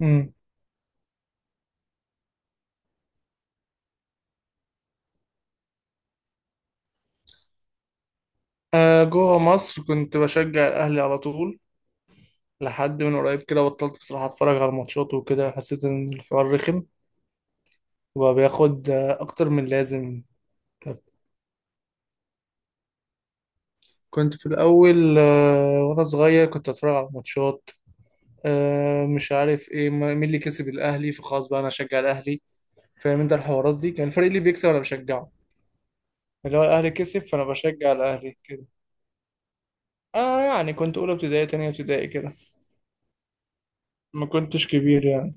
امم جوه مصر كنت بشجع الاهلي على طول، لحد من قريب كده بطلت بصراحه اتفرج على الماتشات وكده حسيت ان الحوار رخم وبقى بياخد اكتر من لازم. كنت في الاول وانا صغير كنت اتفرج على الماتشات. آه، مش عارف ايه مين اللي كسب الاهلي، فخلاص بقى انا اشجع الاهلي. فاهم انت الحوارات دي كان الفريق اللي بيكسب انا بشجعه. اللي هو الاهلي كسب فانا بشجع الاهلي كده. اه، يعني كنت اولى ابتدائي تانية ابتدائي كده. ما كنتش كبير يعني.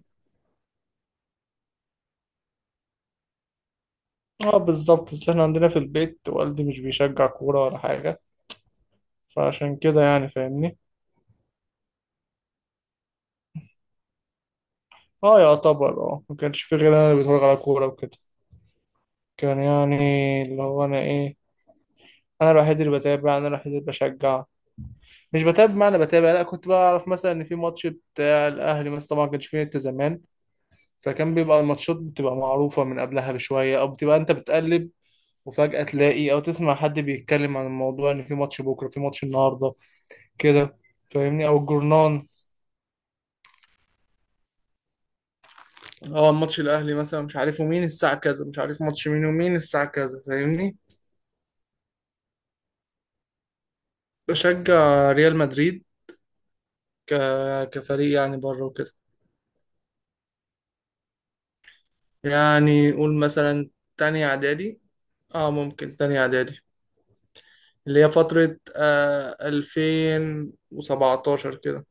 اه بالظبط، بس احنا عندنا في البيت والدي مش بيشجع كورة ولا حاجة، فعشان كده يعني فاهمني. اه يعتبر، ما كانش في غير انا اللي بتفرج على كورة وكده. كان يعني اللي هو انا ايه، انا الوحيد اللي بتابع انا الوحيد اللي بشجع. مش بتابع معنى بتابع، لا كنت بعرف مثلا ان في ماتش بتاع الاهلي مثلا، طبعا ما كانش فيه نت زمان، فكان بيبقى الماتشات بتبقى معروفة من قبلها بشوية او بتبقى انت بتقلب وفجأة تلاقي او تسمع حد بيتكلم عن الموضوع ان في ماتش بكرة في ماتش النهاردة كده. فاهمني، او الجورنان. اه ماتش الاهلي مثلا مش عارفه مين الساعه كذا، مش عارف ماتش مين ومين الساعه كذا، فاهمني. بشجع ريال مدريد. ك... كفريق يعني بره وكده. يعني قول مثلا تاني اعدادي، اه ممكن تاني اعدادي، اللي هي فتره 2017 كده.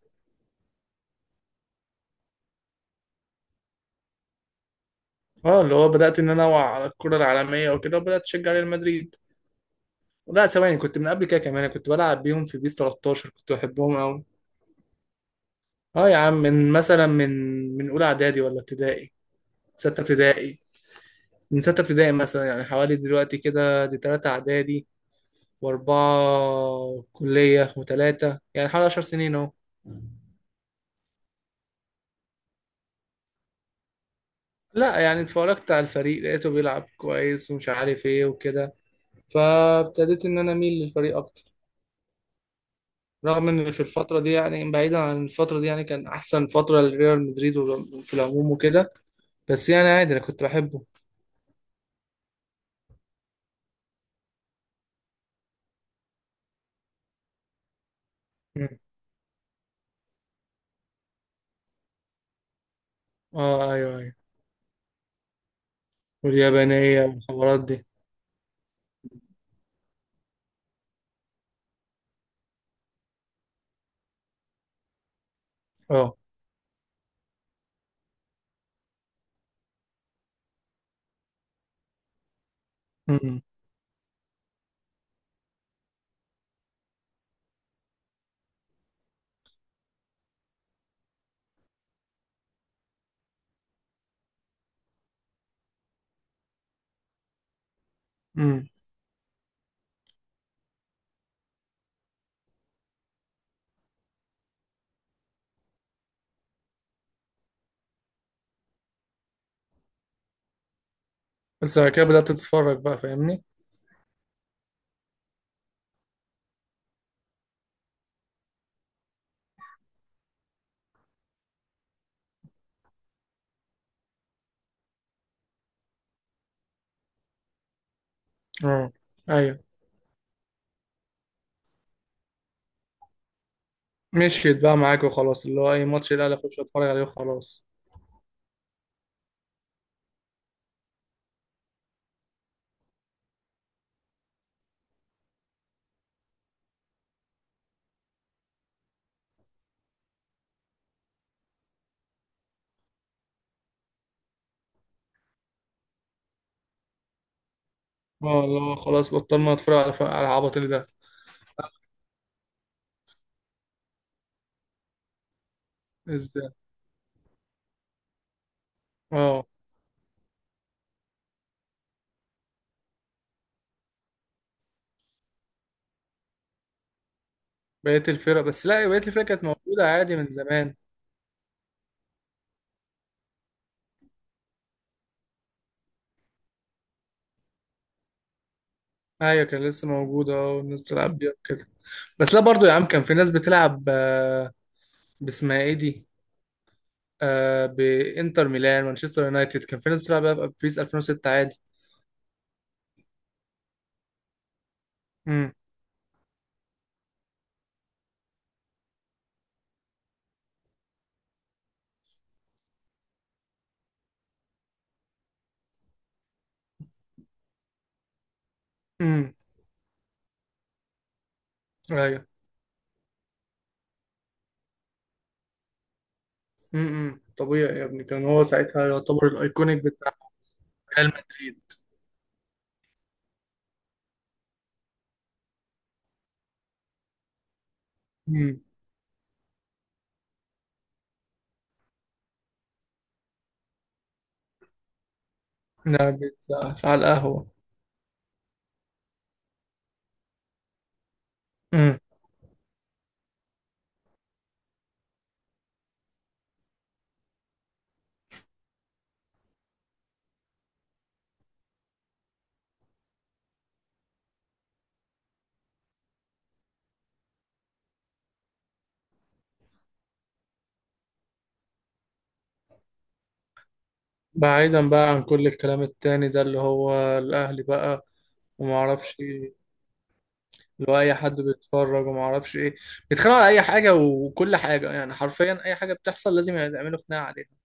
اه اللي هو بدات ان انا اوعى على الكره العالميه وكده وبدات اشجع ريال مدريد. لا ثواني، كنت من قبل كده كمان، أنا كنت بلعب بيهم في بيس 13 كنت بحبهم قوي. اه يا عم من مثلا من اولى اعدادي ولا ابتدائي. ستة ابتدائي. من ستة ابتدائي مثلا، يعني حوالي دلوقتي كده دي تلاتة إعدادي وأربعة كلية وتلاتة، يعني حوالي 10 سنين أهو. لا يعني اتفرجت على الفريق لقيته بيلعب كويس ومش عارف إيه وكده، فابتديت إن أنا أميل للفريق أكتر. رغم إن في الفترة دي، يعني بعيدا عن الفترة دي، يعني كان أحسن فترة لريال مدريد وال- في العموم وكده، بس يعني عادي أنا كنت بحبه. مم. آه أيوه أيوه. واليابانية والحوارات دي. آه. مم. مم. بس بعد كده بدأت تتفرج بقى فاهمني. اه ايوه، مشيت بقى معاك وخلاص، اللي هو اي ماتش الاهلي اخش اتفرج عليه وخلاص. اه اللي هو خلاص بطلنا نتفرج على على العبط اللي ده. ازاي. اه بقيت الفرق، بس لا بقيت الفرق كانت موجوده عادي من زمان. ايوه كان لسه موجوده، والناس بتلعب بيها كده. بس لا برضو يا عم كان في ناس بتلعب باسمها ايه دي، بانتر ميلان مانشستر يونايتد كان في ناس بتلعب بقى ببيس 2006 عادي. امم امم ايوه امم. طبيعي يا ابني كان هو ساعتها يعتبر الايكونيك بتاع ريال مدريد. لا بيتزقش على القهوة. امم. بعيدا بقى عن كل الكلام التاني ده اللي هو الأهلي بقى وما اعرفش ايه. اللي هو اي حد بيتفرج وما اعرفش ايه. بيتخانقوا على اي حاجة وكل حاجة، يعني حرفيا اي حاجة بتحصل لازم يعملوا خناقة عليها.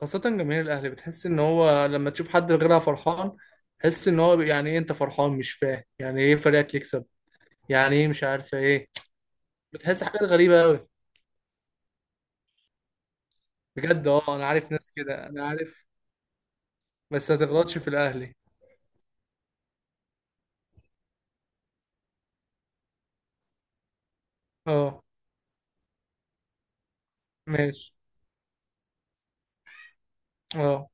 خاصة جماهير الأهلي بتحس ان هو لما تشوف حد غيرها فرحان، تحس ان هو يعني ايه انت فرحان، مش فاهم يعني ايه فريقك يكسب. يعني ايه مش عارفة ايه. بتحس حاجات غريبة قوي. بجد اه، انا عارف ناس كده انا عارف. بس ما تغلطش في الأهلي. اه. ماشي. اه.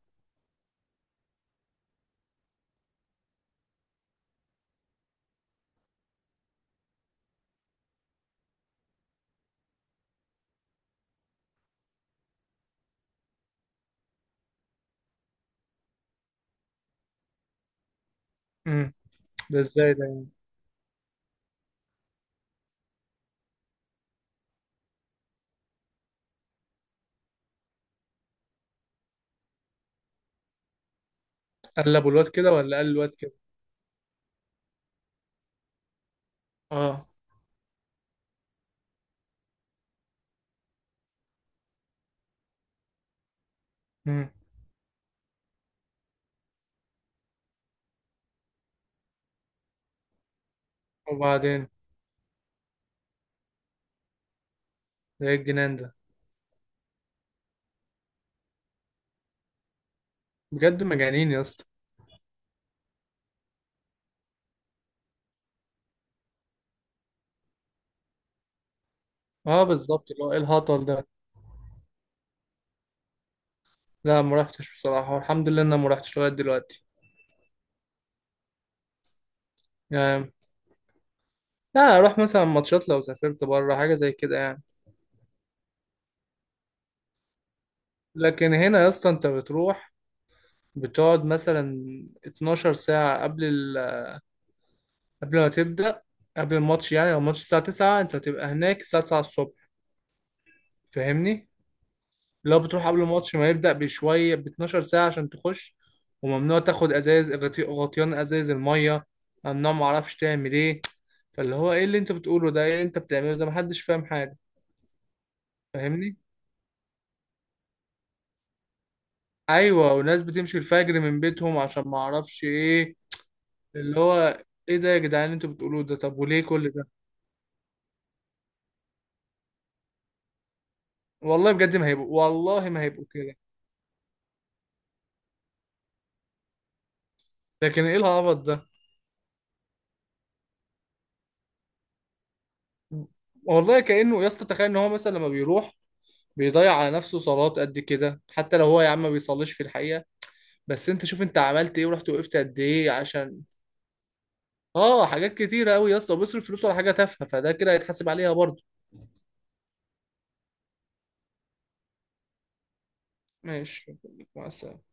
امم. ده ازاي ده يعني؟ قلبوا الواد كده ولا قال الواد كده. اه. امم. وبعدين. ده ايه الجنان ده. بجد مجانين يا اسطى. اه بالظبط، اللي هو ايه الهطل ده. لا ما رحتش بصراحه، والحمد لله ان انا ما رحتش لغايه دلوقتي. يعني لا اروح مثلا ماتشات لو سافرت بره حاجه زي كده يعني. لكن هنا يا اسطى انت بتروح بتقعد مثلا 12 ساعه قبل ما تبدا قبل الماتش، يعني لو الماتش الساعه 9 انت هتبقى هناك الساعه 9 الصبح فاهمني. لو بتروح قبل الماتش ما يبدأ بشوية ب 12 ساعة عشان تخش، وممنوع تاخد ازايز غطيان ازايز المية، ممنوع معرفش تعمل ايه. فاللي هو ايه اللي انت بتقوله ده، ايه اللي انت بتعمله ده، محدش فاهم حاجة. فاهمني. ايوه وناس بتمشي الفجر من بيتهم عشان معرفش ايه. اللي هو ايه ده يا جدعان اللي انتوا بتقولوه ده، طب وليه كل ده. والله بجد ما هيبقوا، والله ما هيبقوا كده. لكن ايه العبط ده. والله كأنه يا اسطى تخيل ان هو مثلا لما بيروح بيضيع على نفسه صلوات قد كده، حتى لو هو يا عم ما بيصليش في الحقيقة. بس انت شوف انت عملت ايه، ورحت وقفت قد ايه عشان. اه حاجات كتيرة قوي يا اسطى، بيصرف فلوسه على حاجة تافهة، فده كده هيتحاسب عليها برضه. ماشي. مع السلامة.